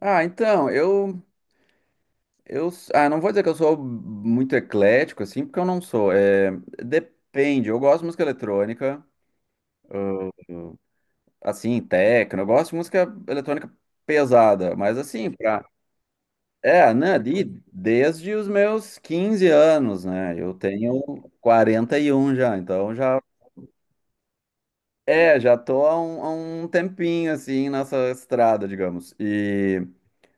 Ah, então, eu, não vou dizer que eu sou muito eclético, assim, porque eu não sou. Depende, eu gosto de música eletrônica, assim, techno, eu gosto de música eletrônica pesada, mas assim, ali, desde os meus 15 anos, né, eu tenho 41 já, já tô há um tempinho, assim, nessa estrada, digamos.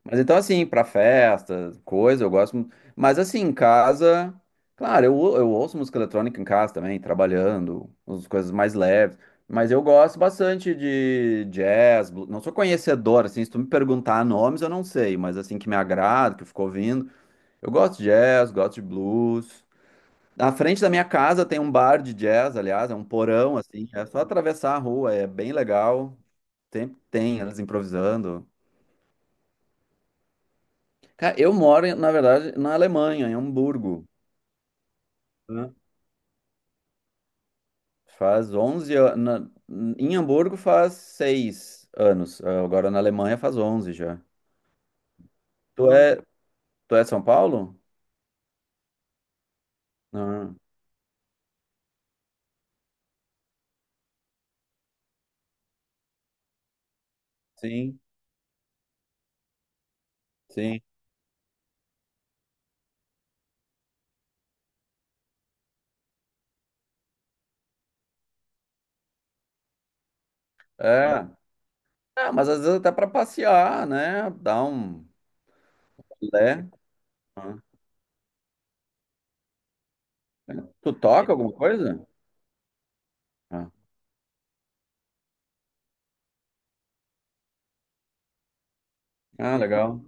Mas então, assim, pra festa, coisa, eu gosto. Mas, assim, em casa, claro, eu ouço música eletrônica em casa também, trabalhando, as coisas mais leves. Mas eu gosto bastante de jazz. Não sou conhecedor, assim, se tu me perguntar nomes, eu não sei, mas, assim, que me agrada, que eu fico ouvindo. Eu gosto de jazz, gosto de blues. Na frente da minha casa tem um bar de jazz, aliás, é um porão, assim, é só atravessar a rua, é bem legal. Sempre tem eles improvisando. Cara, eu moro, na verdade, na Alemanha, em Hamburgo, né? Faz 11 anos. Em Hamburgo faz 6 anos. Agora na Alemanha faz 11 já. Tu Ah, é, tu é de São Paulo? Ah, sim, sim. É. Ah, mas às vezes até pra passear, né? Dar um. Né? Ah. Tu toca alguma coisa? Ah, ah, legal.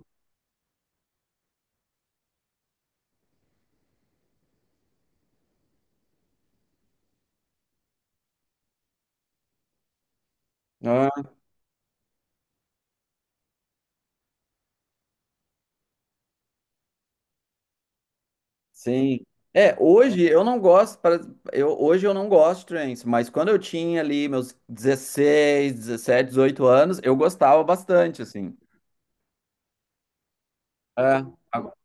Ah. Sim. É, hoje eu não gosto, para- eu, hoje eu não gosto de trance, mas quando eu tinha ali meus 16 17 18 anos, eu gostava bastante, assim. É. Agora.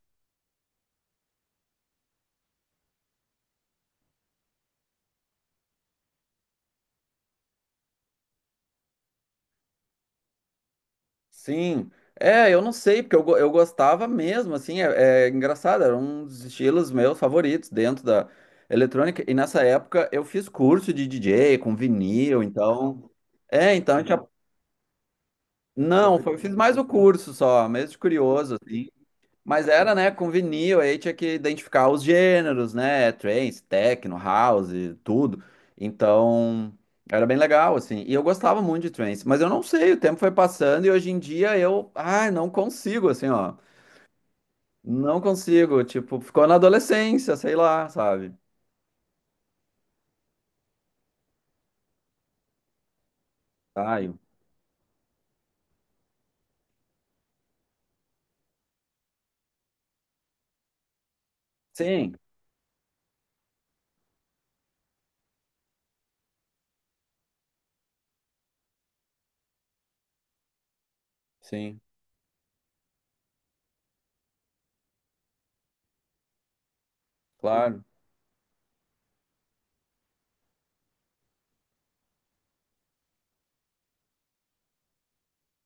Sim. É, eu não sei, eu gostava mesmo, assim, é engraçado, era um dos estilos meus favoritos dentro da eletrônica, e nessa época eu fiz curso de DJ com vinil, então... É, então... eu tinha- Não, eu fiz mais o curso só, mesmo de curioso. Mas era, né, com vinil, aí tinha que identificar os gêneros, né, trance, techno, house, tudo. Então, era bem legal, assim. E eu gostava muito de trance, mas eu não sei, o tempo foi passando e hoje em dia não consigo, assim, ó. Não consigo, tipo, ficou na adolescência, sei lá, sabe? Ai, sim, sim, claro.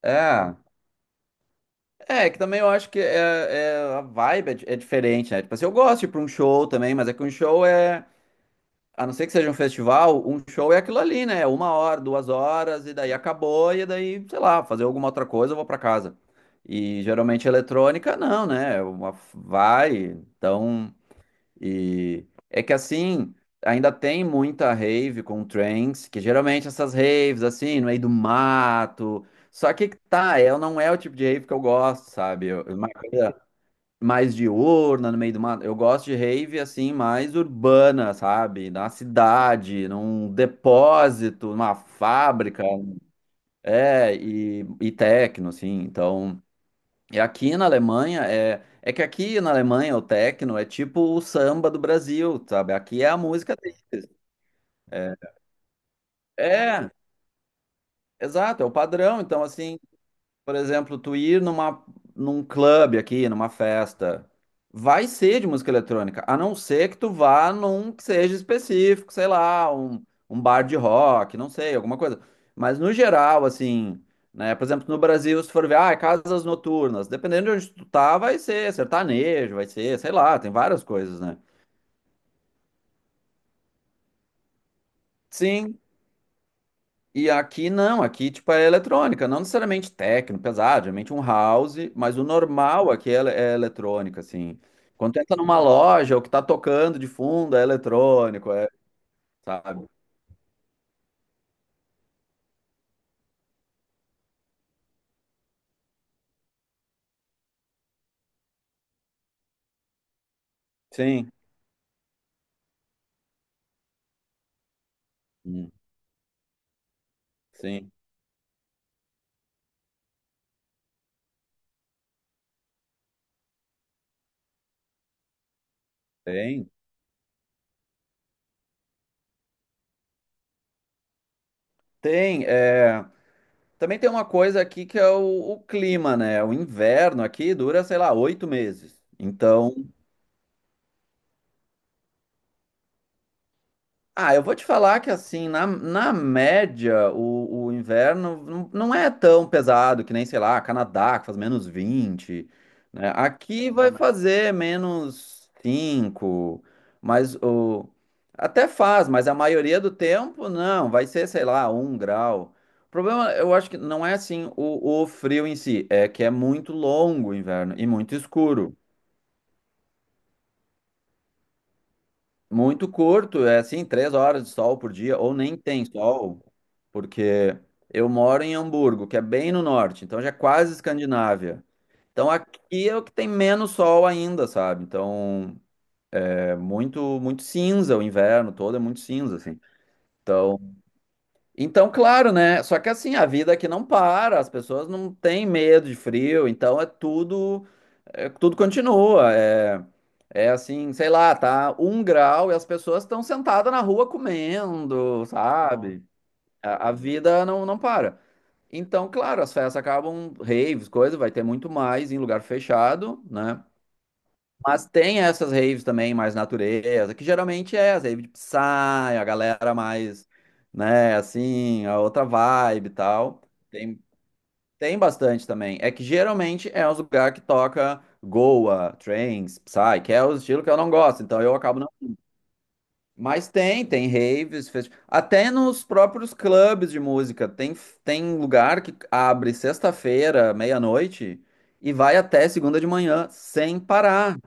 É, é que também eu acho que a vibe é diferente, né? Tipo assim, eu gosto de ir pra um show também, mas é que um show é. A não ser que seja um festival, um show é aquilo ali, né? 1 hora, 2 horas, e daí acabou, e daí, sei lá, fazer alguma outra coisa, eu vou pra casa. E geralmente eletrônica, não, né? Uma, vai, então. E é que assim, ainda tem muita rave com trance, que geralmente essas raves, assim, no meio do mato. Só que tá, é, não é o tipo de rave que eu gosto, sabe? Uma coisa mais diurna, no meio do mato. Eu gosto de rave assim, mais urbana, sabe? Na cidade, num depósito, numa fábrica. É, e techno, assim. Então, e aqui na Alemanha é. É que aqui na Alemanha o techno é tipo o samba do Brasil, sabe? Aqui é a música. É, é, exato, é o padrão. Então, assim, por exemplo, tu ir numa, num clube aqui, numa festa, vai ser de música eletrônica, a não ser que tu vá num que seja específico, sei lá, um bar de rock, não sei, alguma coisa. Mas no geral, assim, né, por exemplo, no Brasil, se tu for ver, ah, é casas noturnas, dependendo de onde tu tá, vai ser sertanejo, vai ser, sei lá, tem várias coisas, né? Sim. E aqui não, aqui tipo é eletrônica, não necessariamente techno, pesado, geralmente um house, mas o normal aqui é eletrônica, assim. Quando tu entra numa loja, o que tá tocando de fundo é eletrônico, é, sabe? Sim, hum, sim, tem. Tem, é... Também tem uma coisa aqui que é o clima, né? O inverno aqui dura, sei lá, 8 meses. Então, ah, eu vou te falar que assim, na média, o inverno não é tão pesado que nem, sei lá, Canadá, que faz -20, né? Aqui vai fazer -5, mas o... até faz, mas a maioria do tempo não, vai ser, sei lá, 1 grau. O problema, eu acho que não é assim o frio em si, é que é muito longo o inverno e muito escuro. Muito curto, é assim, 3 horas de sol por dia, ou nem tem sol, porque eu moro em Hamburgo, que é bem no norte, então já é quase Escandinávia. Então aqui é o que tem menos sol ainda, sabe? Então é muito, muito cinza, o inverno todo é muito cinza, assim. Então, então, claro, né? Só que assim, a vida aqui não para, as pessoas não têm medo de frio, então é, tudo continua. É, é assim, sei lá, tá 1 grau e as pessoas estão sentadas na rua comendo, sabe? A vida não, não para. Então, claro, as festas acabam, raves, coisa, vai ter muito mais em lugar fechado, né? Mas tem essas raves também, mais natureza, que geralmente é as raves de Psy, a galera mais, né, assim, a outra vibe e tal. Tem, tem bastante também. É que geralmente é os lugares que toca. Goa, Trance, Psy, que é o estilo que eu não gosto, então eu acabo. Mas tem, tem até nos próprios clubes de música. Tem, tem lugar que abre sexta-feira, meia-noite, e vai até segunda de manhã, sem parar.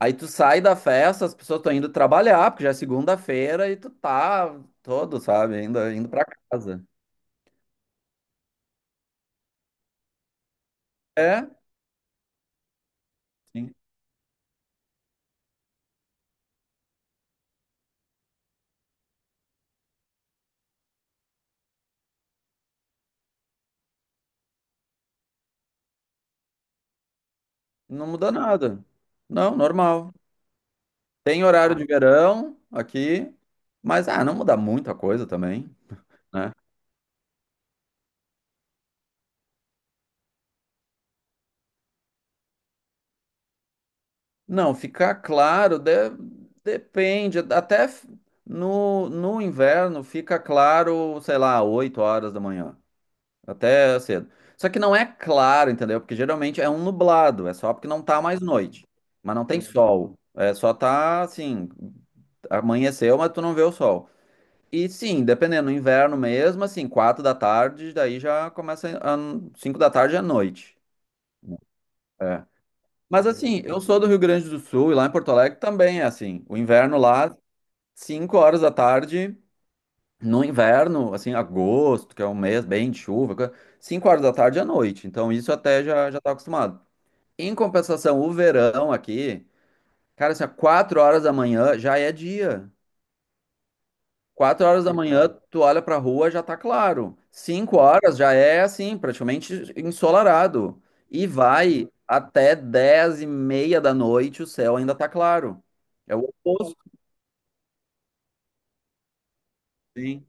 Aí tu sai da festa, as pessoas estão indo trabalhar, porque já é segunda-feira, e tu tá todo, sabe, ainda indo pra casa. É, sim, não muda nada. Não, normal. Tem horário de verão aqui, mas ah, não muda muita coisa também, né? Não, ficar claro de- depende. No, no inverno fica claro, sei lá, 8 horas da manhã, até cedo. Só que não é claro, entendeu? Porque geralmente é um nublado, é só porque não tá mais noite, mas não tem, uhum, sol. É só tá assim, amanheceu, mas tu não vê o sol. E sim, dependendo, no inverno mesmo, assim, 4 da tarde, daí já começa a 5 da tarde à noite. É. Mas assim, eu sou do Rio Grande do Sul e lá em Porto Alegre também é assim. O inverno lá, 5 horas da tarde, no inverno, assim, agosto, que é um mês bem de chuva, coisa- 5 horas da tarde é noite. Então isso até já, já tá acostumado. Em compensação, o verão aqui, cara, assim, ó, 4 horas da manhã já é dia. 4 horas da manhã, tu olha pra rua, já tá claro. 5 horas já é assim, praticamente ensolarado. E vai até 22:30, o céu ainda tá claro. É o oposto, sim.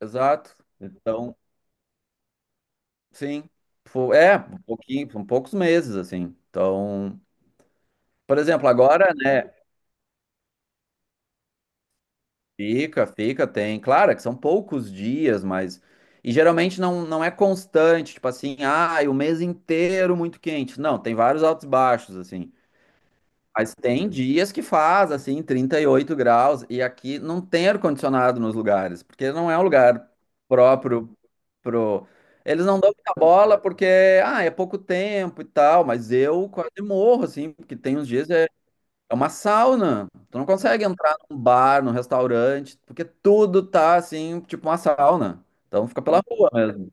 Exato. Então, sim. É, um pouquinho, são poucos meses, assim. Então, por exemplo, agora, né? Fica, fica, tem. Claro é que são poucos dias, mas. E geralmente não, não é constante, tipo assim, ah, o mês inteiro muito quente. Não, tem vários altos e baixos, assim. Mas tem dias que faz, assim, 38 graus, e aqui não tem ar-condicionado nos lugares, porque não é um lugar próprio pro. Eles não dão muita bola porque, ah, é pouco tempo e tal, mas eu quase morro, assim, porque tem uns dias é uma sauna. Tu não consegue entrar num bar, num restaurante, porque tudo tá assim, tipo uma sauna. Então fica pela rua mesmo.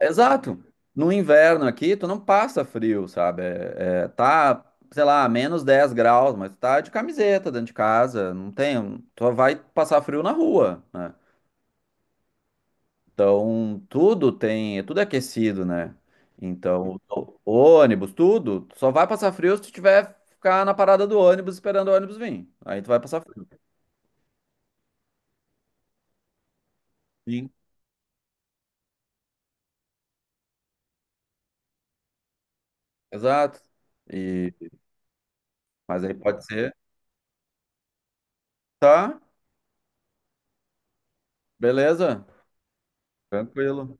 Exato. No inverno aqui, tu não passa frio, sabe? É, tá, sei lá, -10 graus, mas tá de camiseta dentro de casa. Não tem. Tu vai passar frio na rua, né? Então tudo tem. Tudo é aquecido, né? Então, ônibus, tudo, tu só vai passar frio se tu tiver ficar na parada do ônibus esperando o ônibus vir. Aí tu vai passar frio. Sim, exato. E, mas aí pode ser. Tá, beleza. Tranquilo.